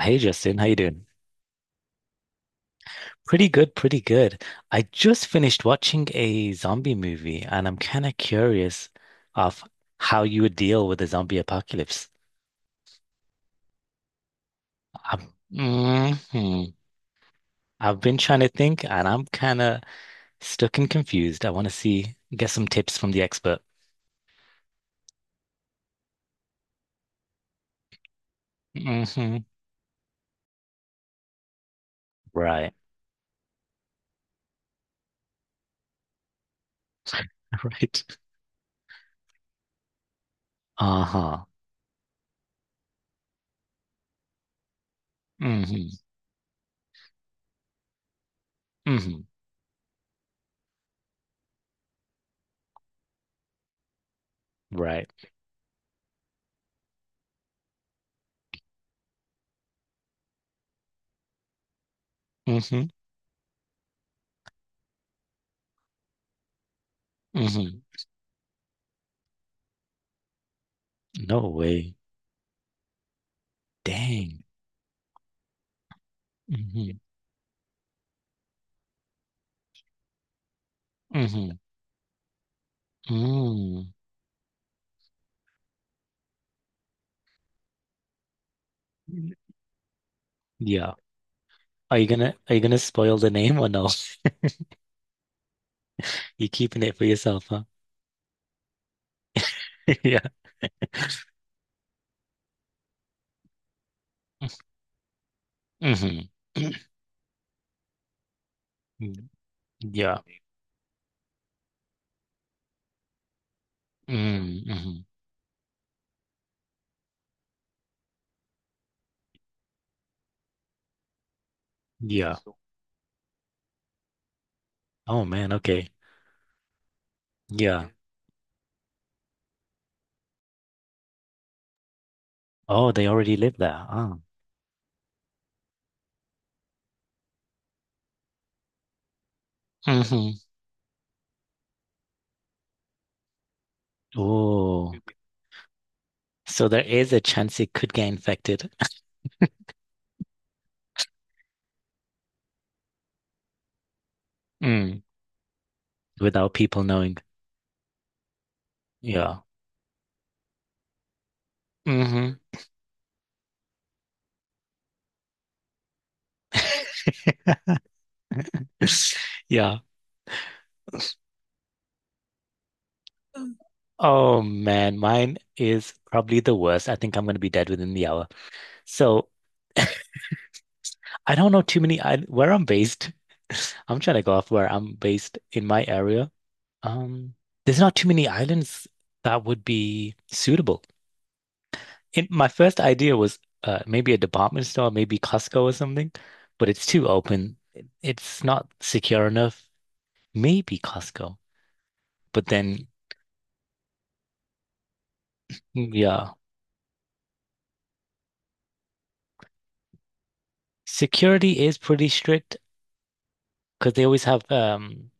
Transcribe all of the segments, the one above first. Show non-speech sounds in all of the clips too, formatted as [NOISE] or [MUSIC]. Hey Justin, how you doing? Pretty good, pretty good. I just finished watching a zombie movie and I'm kind of curious of how you would deal with a zombie apocalypse. Mhm. I've been trying to think and I'm kind of stuck and confused. I want to get some tips from the expert. Hmm. Right, [LAUGHS] right. Uh-huh. Hmm. Hmm. Right. Hmm. Hmm. No way. Dang. Hmm. Hmm. Mm. Yeah. Are you gonna spoil the name or no? [LAUGHS] You're keeping it for yourself, huh? [LAUGHS] Yeah. Hmm. [CLEARS THROAT] Yeah. Mm-hmm. Yeah. Oh man, okay. Yeah. Oh, they already live there. Oh. Hmm. Oh. So there is a chance it could get infected. [LAUGHS] Mm. Without people knowing. Yeah. Hmm. Yeah. Oh man, mine is probably the worst. I think I'm gonna be dead within the hour. So I don't know too many I where I'm based. [LAUGHS] I'm trying to go off where I'm based in my area. Um, there's not too many islands that would be suitable. In my first idea was maybe a department store, maybe Costco or something, but it's too open. It's not secure enough. Maybe Costco, but then mm, yeah, security is pretty strict because they always have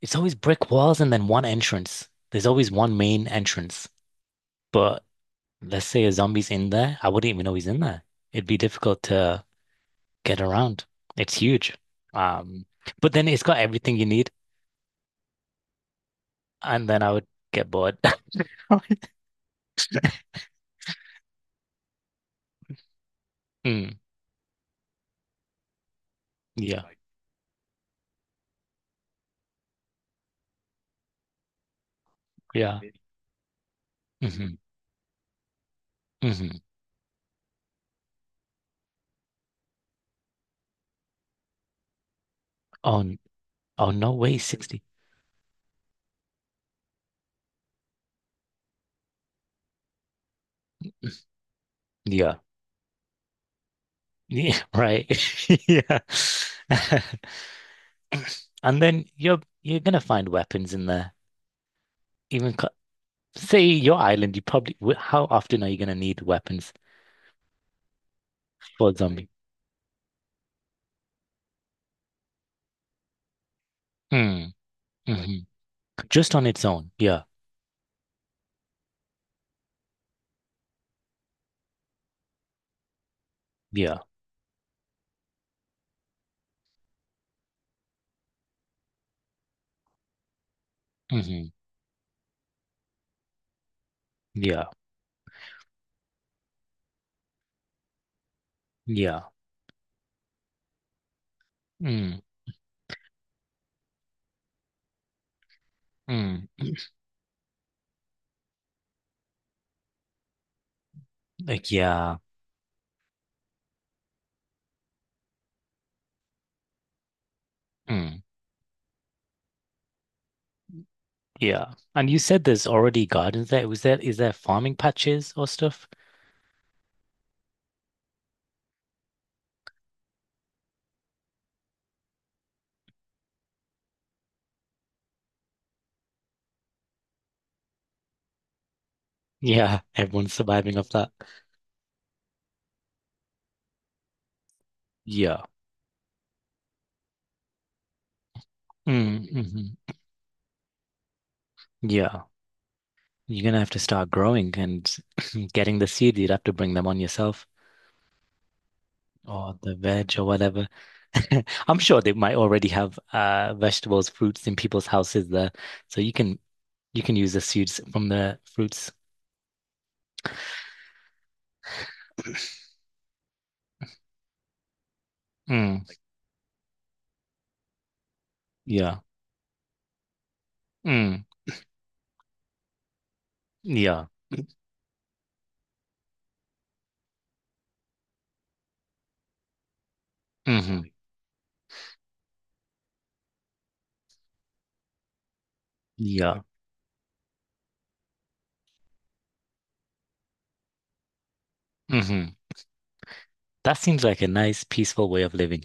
it's always brick walls and then one entrance. There's always one main entrance, but let's say a zombie's in there. I wouldn't even know he's in there. It'd be difficult to get around. It's huge. Um, but then it's got everything you need, and then I would get bored. [LAUGHS] Mm, yeah, like, yeah. Hmm. Hmm. Oh, n- oh, no way, 60. Yeah, yeah, [LAUGHS] right. [LAUGHS] Yeah. [LAUGHS] And then you're gonna find weapons in there. Even say your island, you probably how often are you gonna need weapons for a zombie? Mm, like, hmm. Just on its own, yeah. Yeah. Hmm. Yeah. Yeah. Mm, mm. Like, yeah. Mm. Yeah. And you said there's already gardens there. Is there farming patches or stuff? Yeah. Everyone's surviving off that. Yeah. Mm, mhm. Yeah. You're gonna have to start growing and [LAUGHS] [CLEARS THROAT] getting the seed. You'd have to bring them on yourself or the veg or whatever. [LAUGHS] I'm sure they might already have vegetables, fruits in people's houses there. So you can use the seeds from the fruits. Mm. Yeah. Mm, yeah. Hmm. Yeah. Hmm. That seems like a nice, peaceful way of living.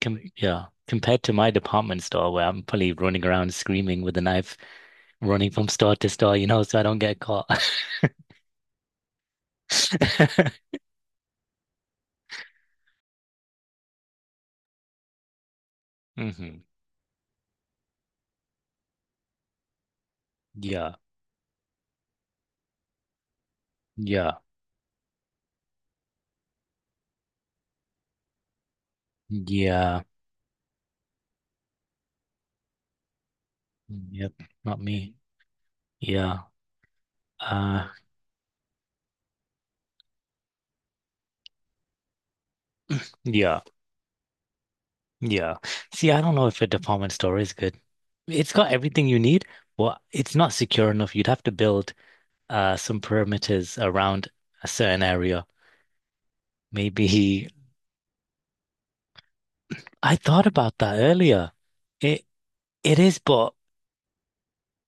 Com Yeah. Compared to my department store where I'm probably running around screaming with a knife, running from store to store, so I don't get caught. [LAUGHS] Hmm. Yeah. Yeah. Yeah. Yep. Not me. Yeah. Uh, yeah. Yeah. See, I don't know if a department store is good. It's got everything you need. But it's not secure enough. You'd have to build some perimeters around a certain area. Maybe I thought about that earlier. It it is, but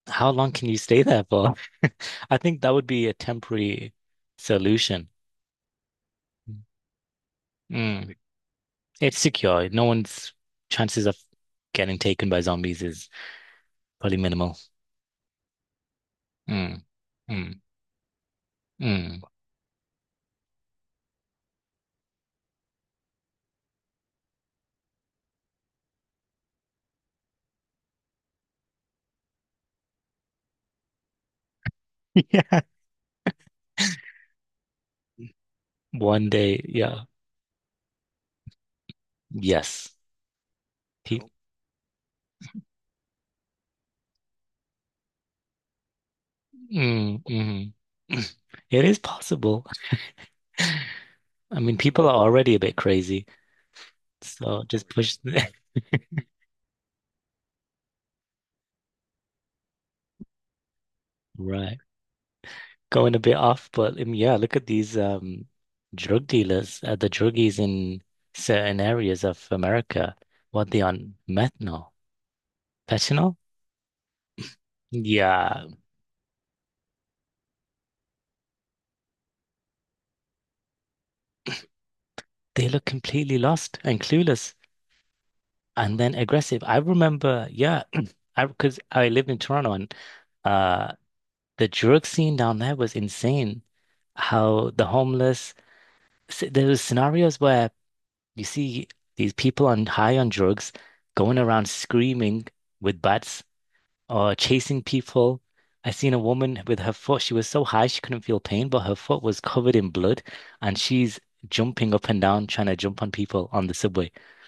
how long can you stay there for? [LAUGHS] I think that would be a temporary solution. Mm. It's secure. No one's chances of getting taken by zombies is probably minimal. Mm, mm, mm. [LAUGHS] Yeah. One day, yeah. Yes. Pe Mm, mm. [CLEARS THROAT] It is possible. [LAUGHS] I mean, people are already a bit crazy. So just push. [LAUGHS] Right. Going a bit off, but yeah, look at these drug dealers, the druggies in certain areas of America. What they on methanol, fentanyl? Yeah, they look completely lost and clueless and then aggressive. I remember, yeah, [CLEARS THROAT] I because I lived in Toronto and uh the drug scene down there was insane. How the homeless there was scenarios where you see these people on high on drugs going around screaming with bats or chasing people. I seen a woman with her foot. She was so high she couldn't feel pain, but her foot was covered in blood, and she's jumping up and down trying to jump on people on the subway. [LAUGHS]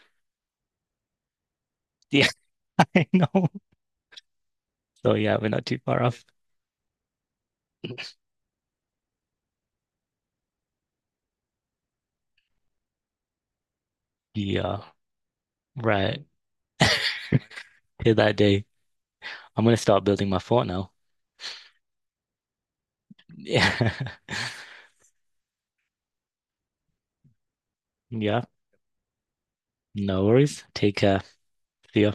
Yeah, I know. So yeah, we're not too far off. Yeah, right. Till that day, I'm gonna start building my fort now. [LAUGHS] Yeah, yeah. No worries. Take care. See ya.